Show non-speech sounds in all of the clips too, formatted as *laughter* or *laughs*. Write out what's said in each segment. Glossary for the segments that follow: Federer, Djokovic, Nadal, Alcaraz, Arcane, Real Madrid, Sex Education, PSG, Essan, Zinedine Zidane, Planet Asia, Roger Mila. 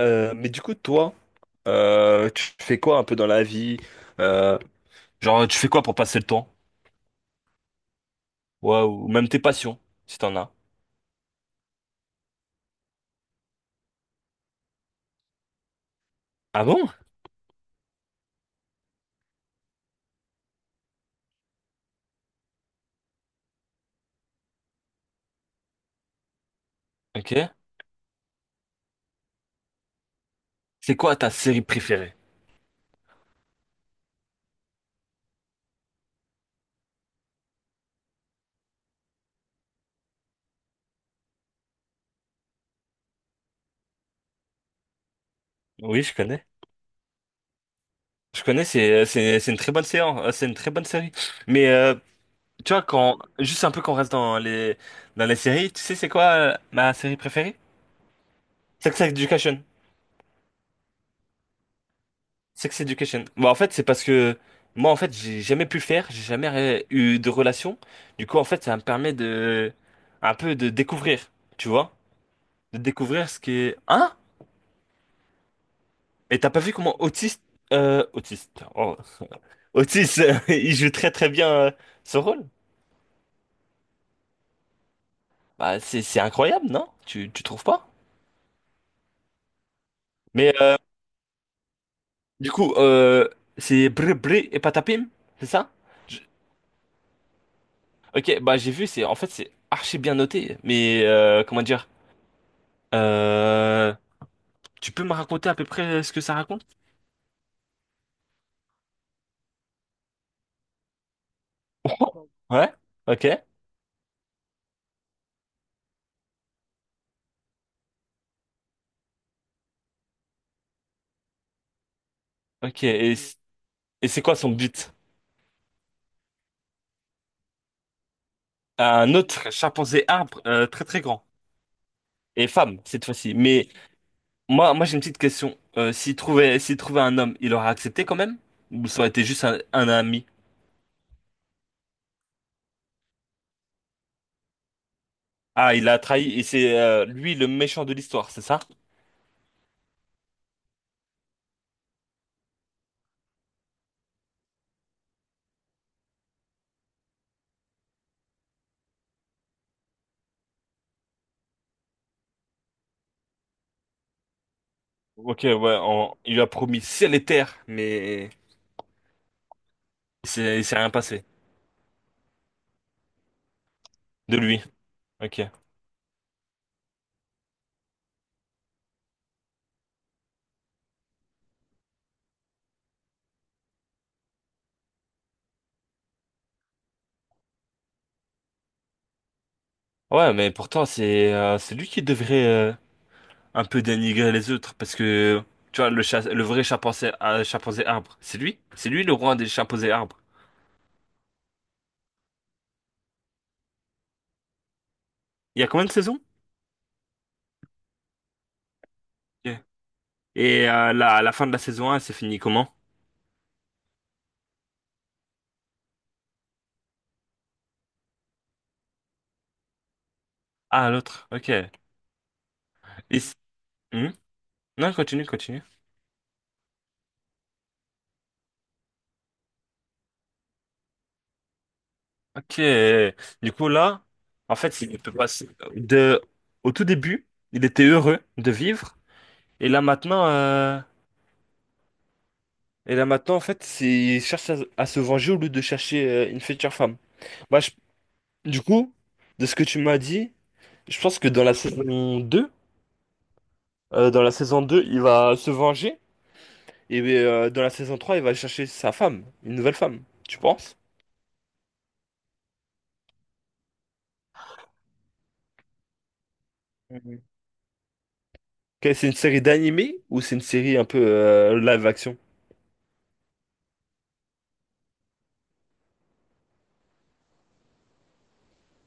Mais du coup, toi, tu fais quoi un peu dans la vie? Euh, genre, tu fais quoi pour passer le temps? Ouais, ou même tes passions, si t'en as. Ah bon? Ok. C'est quoi ta série préférée? Oui, je connais. Je connais, c'est une très bonne séance, c'est une très bonne série. Mais tu vois quand juste un peu qu'on reste dans les séries, tu sais c'est quoi ma série préférée? Sex Education. Sex Education. Bah, en fait, c'est parce que moi, en fait, j'ai jamais pu le faire, j'ai jamais eu de relation. Du coup, en fait, ça me permet de un peu de découvrir, tu vois, de découvrir ce qui est. Hein? Et t'as pas vu comment euh, Otis, oh, Otis, *laughs* il joue très très bien ce rôle. Bah, c'est incroyable, non? Tu trouves pas? Mais du coup, c'est Bré Bré et Patapim, c'est ça? Je- Ok, bah j'ai vu, c'est en fait c'est archi bien noté, mais comment dire? euh, Tu peux me raconter à peu près ce que ça raconte? *laughs* Ouais, ok, ok. Et, et c'est quoi son but? Un autre chimpanzé arbre très très grand et femme cette fois-ci. Mais moi j'ai une petite question. S'il trouvait, s'il trouvait un homme, il aurait accepté quand même? Ou ça aurait été juste un ami? Ah, il a trahi et c'est lui le méchant de l'histoire, c'est ça? Ok, ouais, il lui a promis ciel et terre, mais c'est rien passé de lui. Ok. Ouais, mais pourtant c'est lui qui devrait un peu dénigrer les autres parce que tu vois le chat, le vrai chimpanzé, chimpanzé arbre, c'est lui le roi des chimpanzés arbres. Il y a combien de saisons? Ok. Et à la fin de la saison 1, c'est fini comment? Ah, l'autre, ok. C- hmm Non, continue, continue. Ok. Du coup, là, en fait, il peut passer de, au tout début, il était heureux de vivre. Et là, maintenant, euh, et là, maintenant, en fait, il cherche à se venger au lieu de chercher une future femme. Bah, du coup, de ce que tu m'as dit, je pense que dans la saison 2, il va se venger. Et dans la saison 3, il va chercher sa femme, une nouvelle femme. Tu penses? Mhm. Que C'est une série d'animé ou c'est une série un peu live action?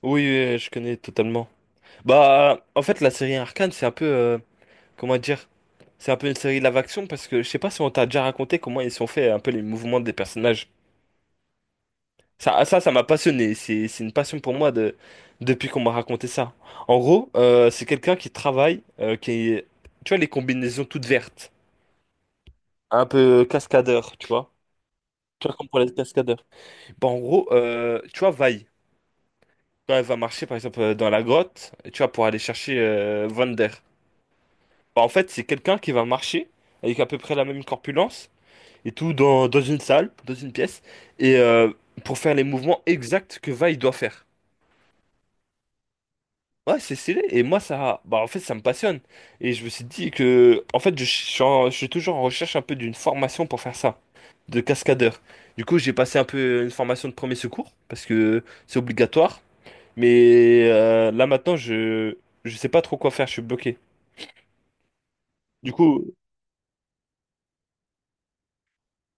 Oui, oui, oui, je connais totalement. Bah, en fait, la série Arcane, c'est un peu comment dire? C'est un peu une série live action parce que je sais pas si on t'a déjà raconté comment ils sont faits un peu les mouvements des personnages. Ça, ça m'a passionné. C'est une passion pour moi depuis qu'on m'a raconté ça. En gros, c'est quelqu'un qui travaille, qui est, tu vois, les combinaisons toutes vertes, un peu cascadeur, tu vois. Tu vois, comme pour les cascadeurs. Bah, en gros, tu vois, vaille. Quand elle va marcher, par exemple, dans la grotte, tu vois, pour aller chercher Vander. Bah, en fait, c'est quelqu'un qui va marcher avec à peu près la même corpulence et tout dans une salle, dans une pièce, et pour faire les mouvements exacts que vaille doit faire. Ouais, c'est stylé. Et moi, ça, bah, en fait, ça me passionne. Et je me suis dit que, en fait, je suis toujours en recherche un peu d'une formation pour faire ça, de cascadeur. Du coup, j'ai passé un peu une formation de premier secours parce que c'est obligatoire. Mais là maintenant, je sais pas trop quoi faire. Je suis bloqué. Du coup,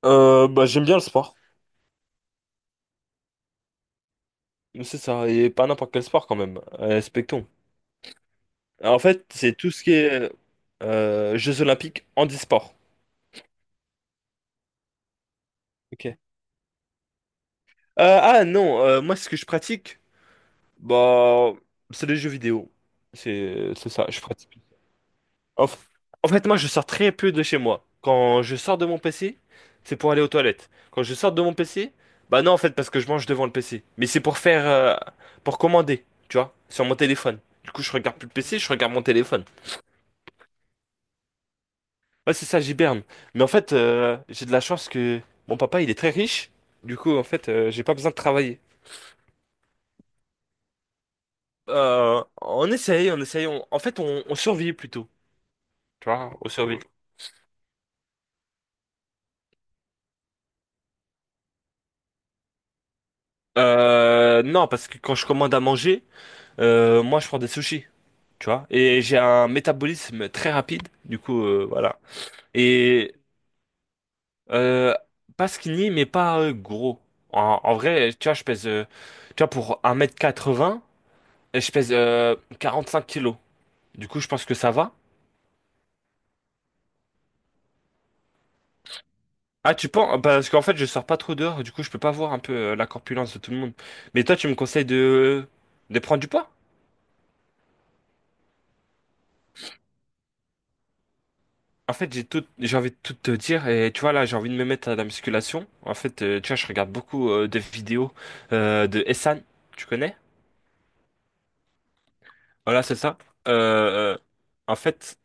bah, j'aime bien le sport. C'est ça, et pas n'importe quel sport quand même. Respectons. Alors, en fait, c'est tout ce qui est Jeux Olympiques handisport. Ok. Ah non, moi, ce que je pratique. Bah, c'est les jeux vidéo. C'est ça, je pratique. En, f- En fait, moi, je sors très peu de chez moi. Quand je sors de mon PC, c'est pour aller aux toilettes. Quand je sors de mon PC, bah non, en fait, parce que je mange devant le PC. Mais c'est pour pour commander, tu vois, sur mon téléphone. Du coup, je regarde plus le PC, je regarde mon téléphone. Ouais, c'est ça, j'hiberne. Mais en fait, j'ai de la chance que mon papa, il est très riche. Du coup, en fait, j'ai pas besoin de travailler. On essaye, on essaye. En fait, on survit plutôt. Tu vois, on survit. Non, parce que quand je commande à manger, moi je prends des sushis, tu vois. Et j'ai un métabolisme très rapide, du coup, voilà. Et euh, pas skinny, mais pas gros. En vrai, tu vois, tu vois, pour 1,80 m, je pèse 5 kilos. Du coup, je pense que ça va. Ah, tu penses? Parce qu'en fait, je sors pas trop dehors, du coup, je peux pas voir un peu la corpulence de tout le monde. Mais toi, tu me conseilles de prendre du poids? En fait, j'ai envie de tout te dire et tu vois là, j'ai envie de me mettre à la musculation. En fait, tu vois, je regarde beaucoup de vidéos de Essan, tu connais? Voilà, c'est ça. Euh, euh, En fait,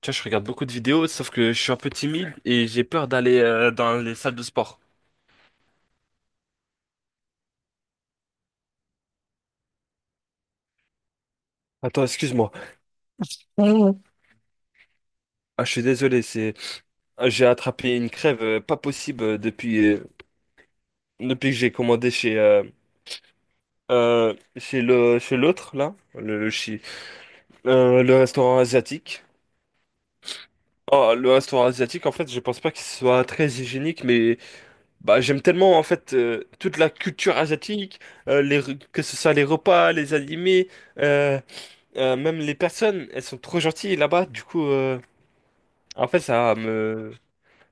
tu vois, je regarde beaucoup de vidéos, sauf que je suis un peu timide et j'ai peur d'aller dans les salles de sport. Attends, excuse-moi. Mhm. Ah, je suis désolé, j'ai attrapé une crève pas possible depuis que j'ai commandé chez le chez l'autre là, le restaurant asiatique. Oh, le restaurant asiatique, en fait, je pense pas qu'il soit très hygiénique, mais bah, j'aime tellement en fait toute la culture asiatique, que ce soit les repas, les animés, euh, même les personnes, elles sont trop gentilles là-bas. Du coup, en fait, ça me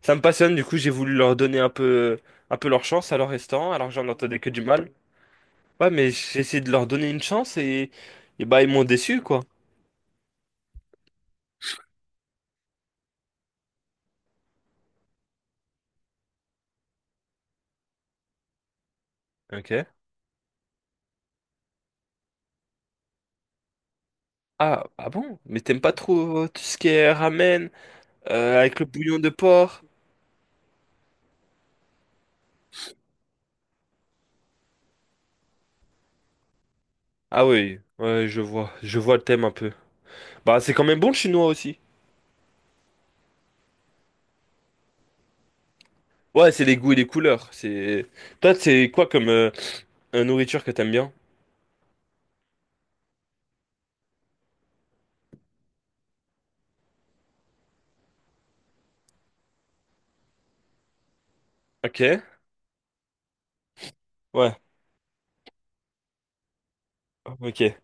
ça me passionne. Du coup, j'ai voulu leur donner un peu leur chance à leur restaurant, alors que j'en entendais que du mal. Ouais, mais j'ai essayé de leur donner une chance et bah ils m'ont déçu quoi. Ok. Ah, ah bon? Mais t'aimes pas trop tout ce qui est ramen avec le bouillon de porc? Ah oui, ouais, je vois le thème un peu. Bah, c'est quand même bon le chinois aussi. Ouais, c'est les goûts et les couleurs. C'est toi, c'est quoi comme nourriture que t'aimes bien? Ok, ouais, ok.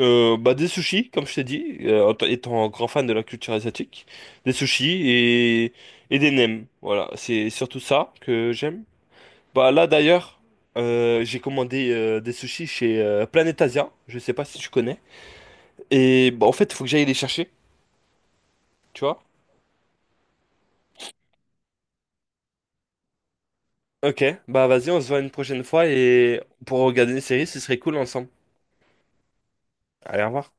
Bah des sushis, comme je t'ai dit, étant grand fan de la culture asiatique, des sushis et des nems. Voilà, c'est surtout ça que j'aime. Bah là d'ailleurs, j'ai commandé des sushis chez Planet Asia. Je sais pas si tu connais. Et bah en fait, il faut que j'aille les chercher. Tu vois. Ok, bah vas-y, on se voit une prochaine fois et pour regarder une série, ce serait cool ensemble. Allez, au revoir.